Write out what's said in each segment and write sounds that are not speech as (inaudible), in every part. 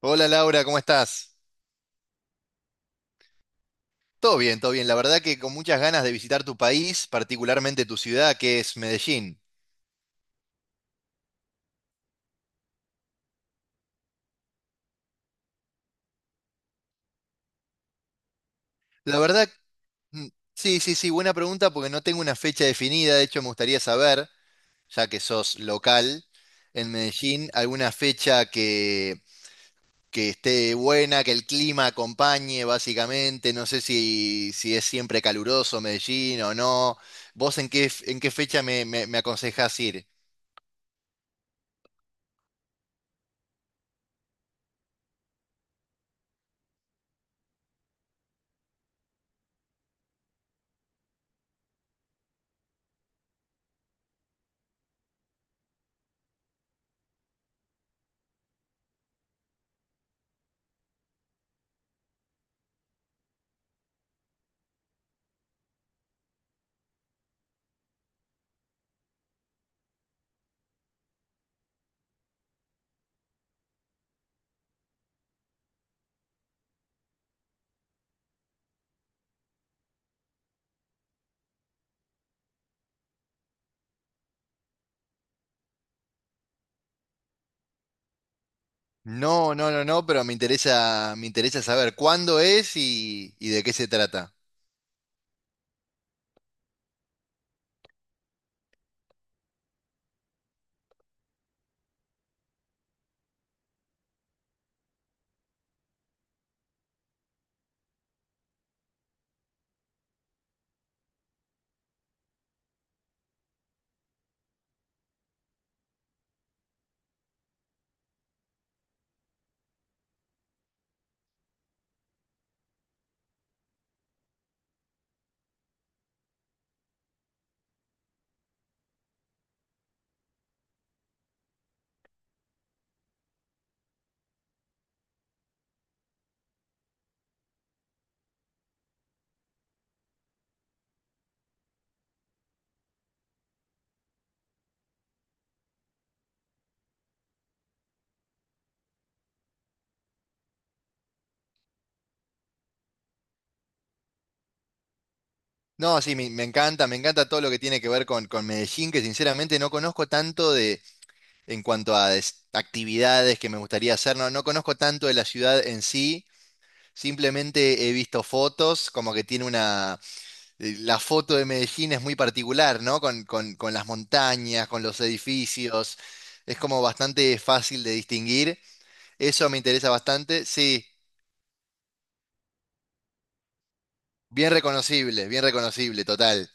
Hola Laura, ¿cómo estás? Todo bien, todo bien. La verdad que con muchas ganas de visitar tu país, particularmente tu ciudad, que es Medellín. La verdad, mm, sí, sí, sí, buena pregunta porque no tengo una fecha definida. De hecho, me gustaría saber, ya que sos local en Medellín, alguna fecha que esté buena, que el clima acompañe, básicamente. No sé si es siempre caluroso Medellín o no. ¿Vos en qué fecha me aconsejás ir? No, no, no, no, pero me interesa saber cuándo es y de qué se trata. No, sí, me encanta todo lo que tiene que ver con Medellín, que sinceramente no conozco tanto de, en cuanto a actividades que me gustaría hacer, no, no conozco tanto de la ciudad en sí, simplemente he visto fotos, como que tiene una, la foto de Medellín es muy particular, ¿no? Con las montañas, con los edificios, es como bastante fácil de distinguir, eso me interesa bastante, sí. Bien reconocible, total.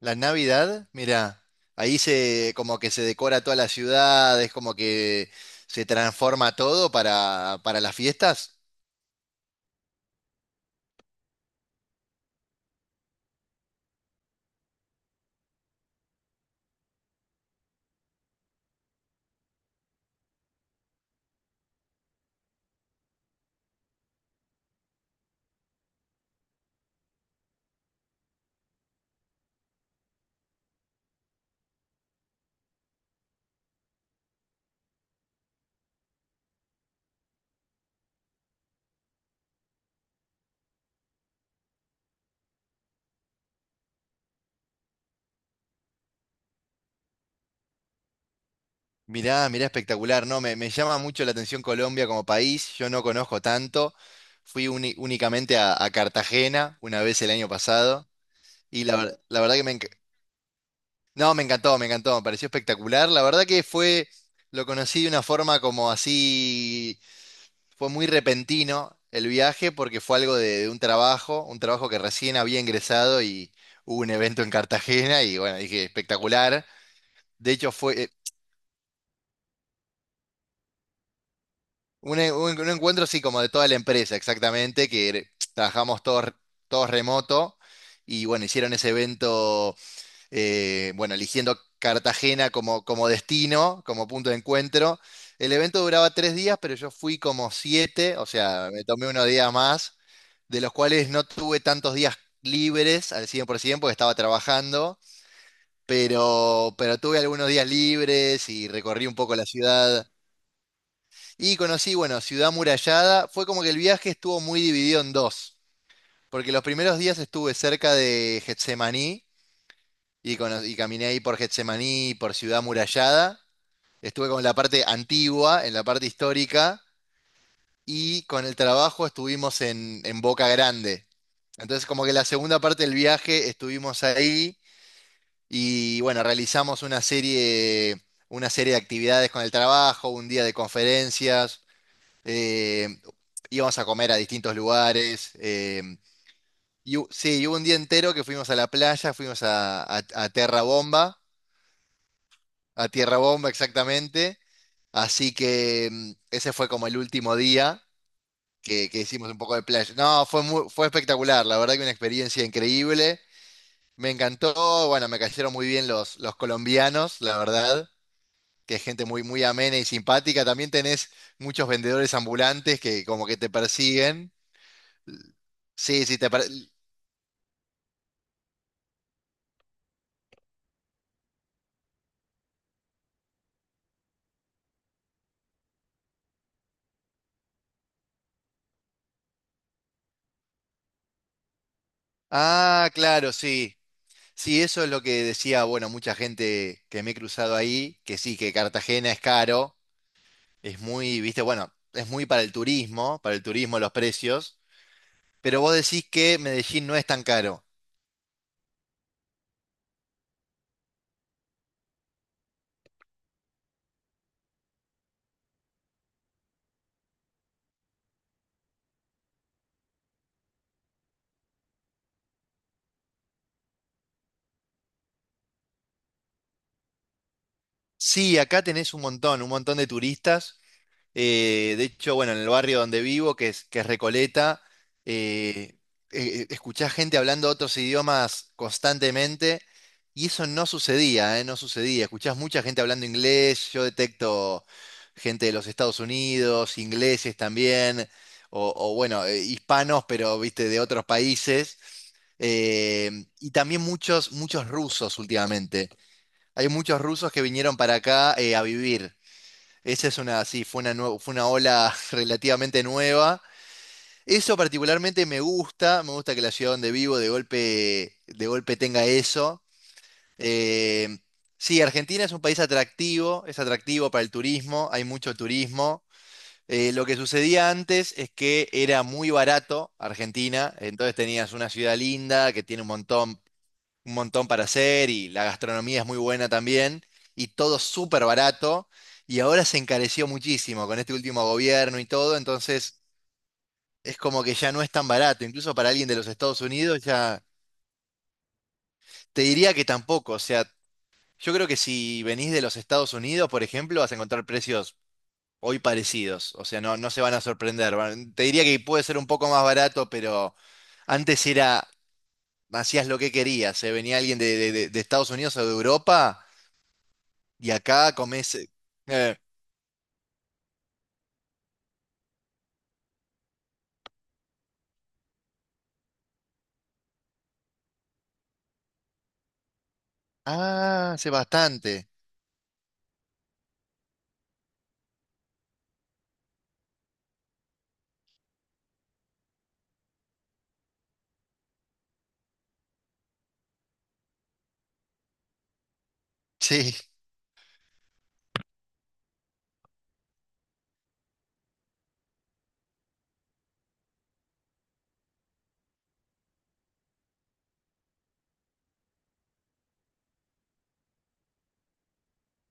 La Navidad, mira, ahí se como que se decora toda la ciudad, es como que se transforma todo para las fiestas. Mirá, mirá, espectacular, ¿no? Me llama mucho la atención Colombia como país, yo no conozco tanto. Únicamente a Cartagena una vez el año pasado y la verdad que no, me encantó, me encantó, me pareció espectacular. La verdad que fue, lo conocí de una forma como así. Fue muy repentino el viaje porque fue algo de un trabajo que recién había ingresado y hubo un evento en Cartagena y bueno, dije, espectacular. De hecho, fue un encuentro así como de toda la empresa, exactamente, trabajamos todos, todos remoto y bueno, hicieron ese evento, bueno, eligiendo Cartagena como, como destino, como punto de encuentro. El evento duraba tres días, pero yo fui como siete, o sea, me tomé unos días más, de los cuales no tuve tantos días libres al 100% porque estaba trabajando, pero tuve algunos días libres y recorrí un poco la ciudad y conocí, bueno, Ciudad Murallada. Fue como que el viaje estuvo muy dividido en dos, porque los primeros días estuve cerca de Getsemaní y caminé ahí por Getsemaní, y por Ciudad Murallada. Estuve con la parte antigua, en la parte histórica, y con el trabajo estuvimos en Boca Grande. Entonces, como que la segunda parte del viaje estuvimos ahí y bueno, realizamos una serie de actividades con el trabajo, un día de conferencias, eh, íbamos a comer a distintos lugares. Sí, y hubo un día entero que fuimos a la playa, fuimos a Terra Bomba, a Tierra Bomba exactamente. Así que ese fue como el último día que hicimos un poco de playa. No, fue muy, fue espectacular, la verdad que una experiencia increíble. Me encantó, bueno, me cayeron muy bien los colombianos, la verdad, que es gente muy, muy amena y simpática. También tenés muchos vendedores ambulantes que como que te persiguen. Sí, sí, ah, claro, sí. Sí, eso es lo que decía, bueno, mucha gente que me he cruzado ahí, que sí, que Cartagena es caro, es muy, viste, bueno, es muy para el turismo los precios, pero vos decís que Medellín no es tan caro. Sí, acá tenés un montón de turistas. De hecho, bueno, en el barrio donde vivo, que es Recoleta, eh, escuchás gente hablando otros idiomas constantemente y eso no sucedía, no sucedía. Escuchás mucha gente hablando inglés, yo detecto gente de los Estados Unidos, ingleses también, o bueno, hispanos, pero viste, de otros países, eh, y también muchos, muchos rusos últimamente. Hay muchos rusos que vinieron para acá a vivir. Sí, fue una ola (laughs) relativamente nueva. Eso particularmente me gusta que la ciudad donde vivo de golpe tenga eso. Eh, sí, Argentina es un país atractivo, es atractivo para el turismo, hay mucho turismo. Lo que sucedía antes es que era muy barato Argentina, entonces tenías una ciudad linda que tiene un montón para hacer y la gastronomía es muy buena también y todo súper barato y ahora se encareció muchísimo con este último gobierno y todo, entonces es como que ya no es tan barato, incluso para alguien de los Estados Unidos ya te diría que tampoco, o sea, yo creo que si venís de los Estados Unidos, por ejemplo, vas a encontrar precios hoy parecidos, o sea, no, no se van a sorprender, te diría que puede ser un poco más barato, pero antes era... Hacías lo que querías, se venía alguien de Estados Unidos o de Europa y acá comés. Eh, ah, sé bastante. Sí,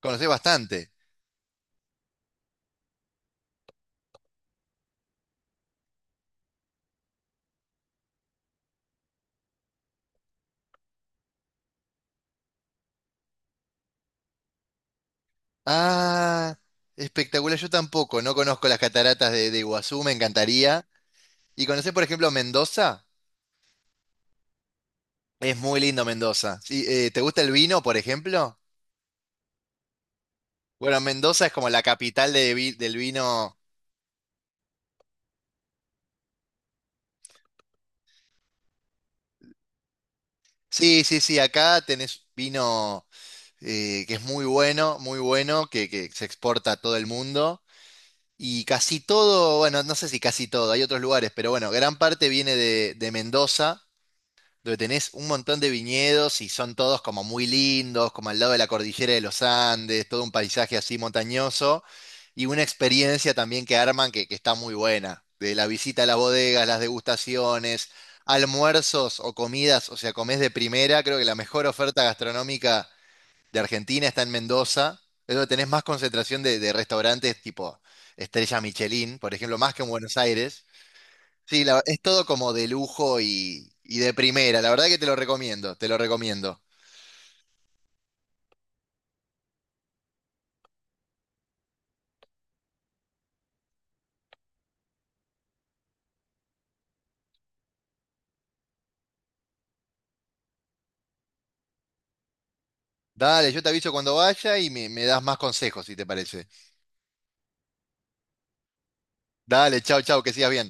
conocés bastante. Ah, espectacular. Yo tampoco, no conozco las cataratas de Iguazú, me encantaría. ¿Y conocés, por ejemplo, Mendoza? Es muy lindo Mendoza. Sí, ¿te gusta el vino, por ejemplo? Bueno, Mendoza es como la capital del vino. Sí, sí, sí, acá tenés vino que es muy bueno, muy bueno, que se exporta a todo el mundo. Y casi todo, bueno, no sé si casi todo, hay otros lugares, pero bueno, gran parte viene de Mendoza, donde tenés un montón de viñedos y son todos como muy lindos, como al lado de la cordillera de los Andes, todo un paisaje así montañoso y una experiencia también que arman que está muy buena, de la visita a las bodegas, las degustaciones, almuerzos o comidas, o sea, comés de primera, creo que la mejor oferta gastronómica de Argentina, está en Mendoza. Es donde tenés más concentración de restaurantes tipo Estrella Michelin, por ejemplo, más que en Buenos Aires. Sí, es todo como de lujo y de primera. La verdad que te lo recomiendo, te lo recomiendo. Dale, yo te aviso cuando vaya y me das más consejos, si te parece. Dale, chau, chau, que sigas bien.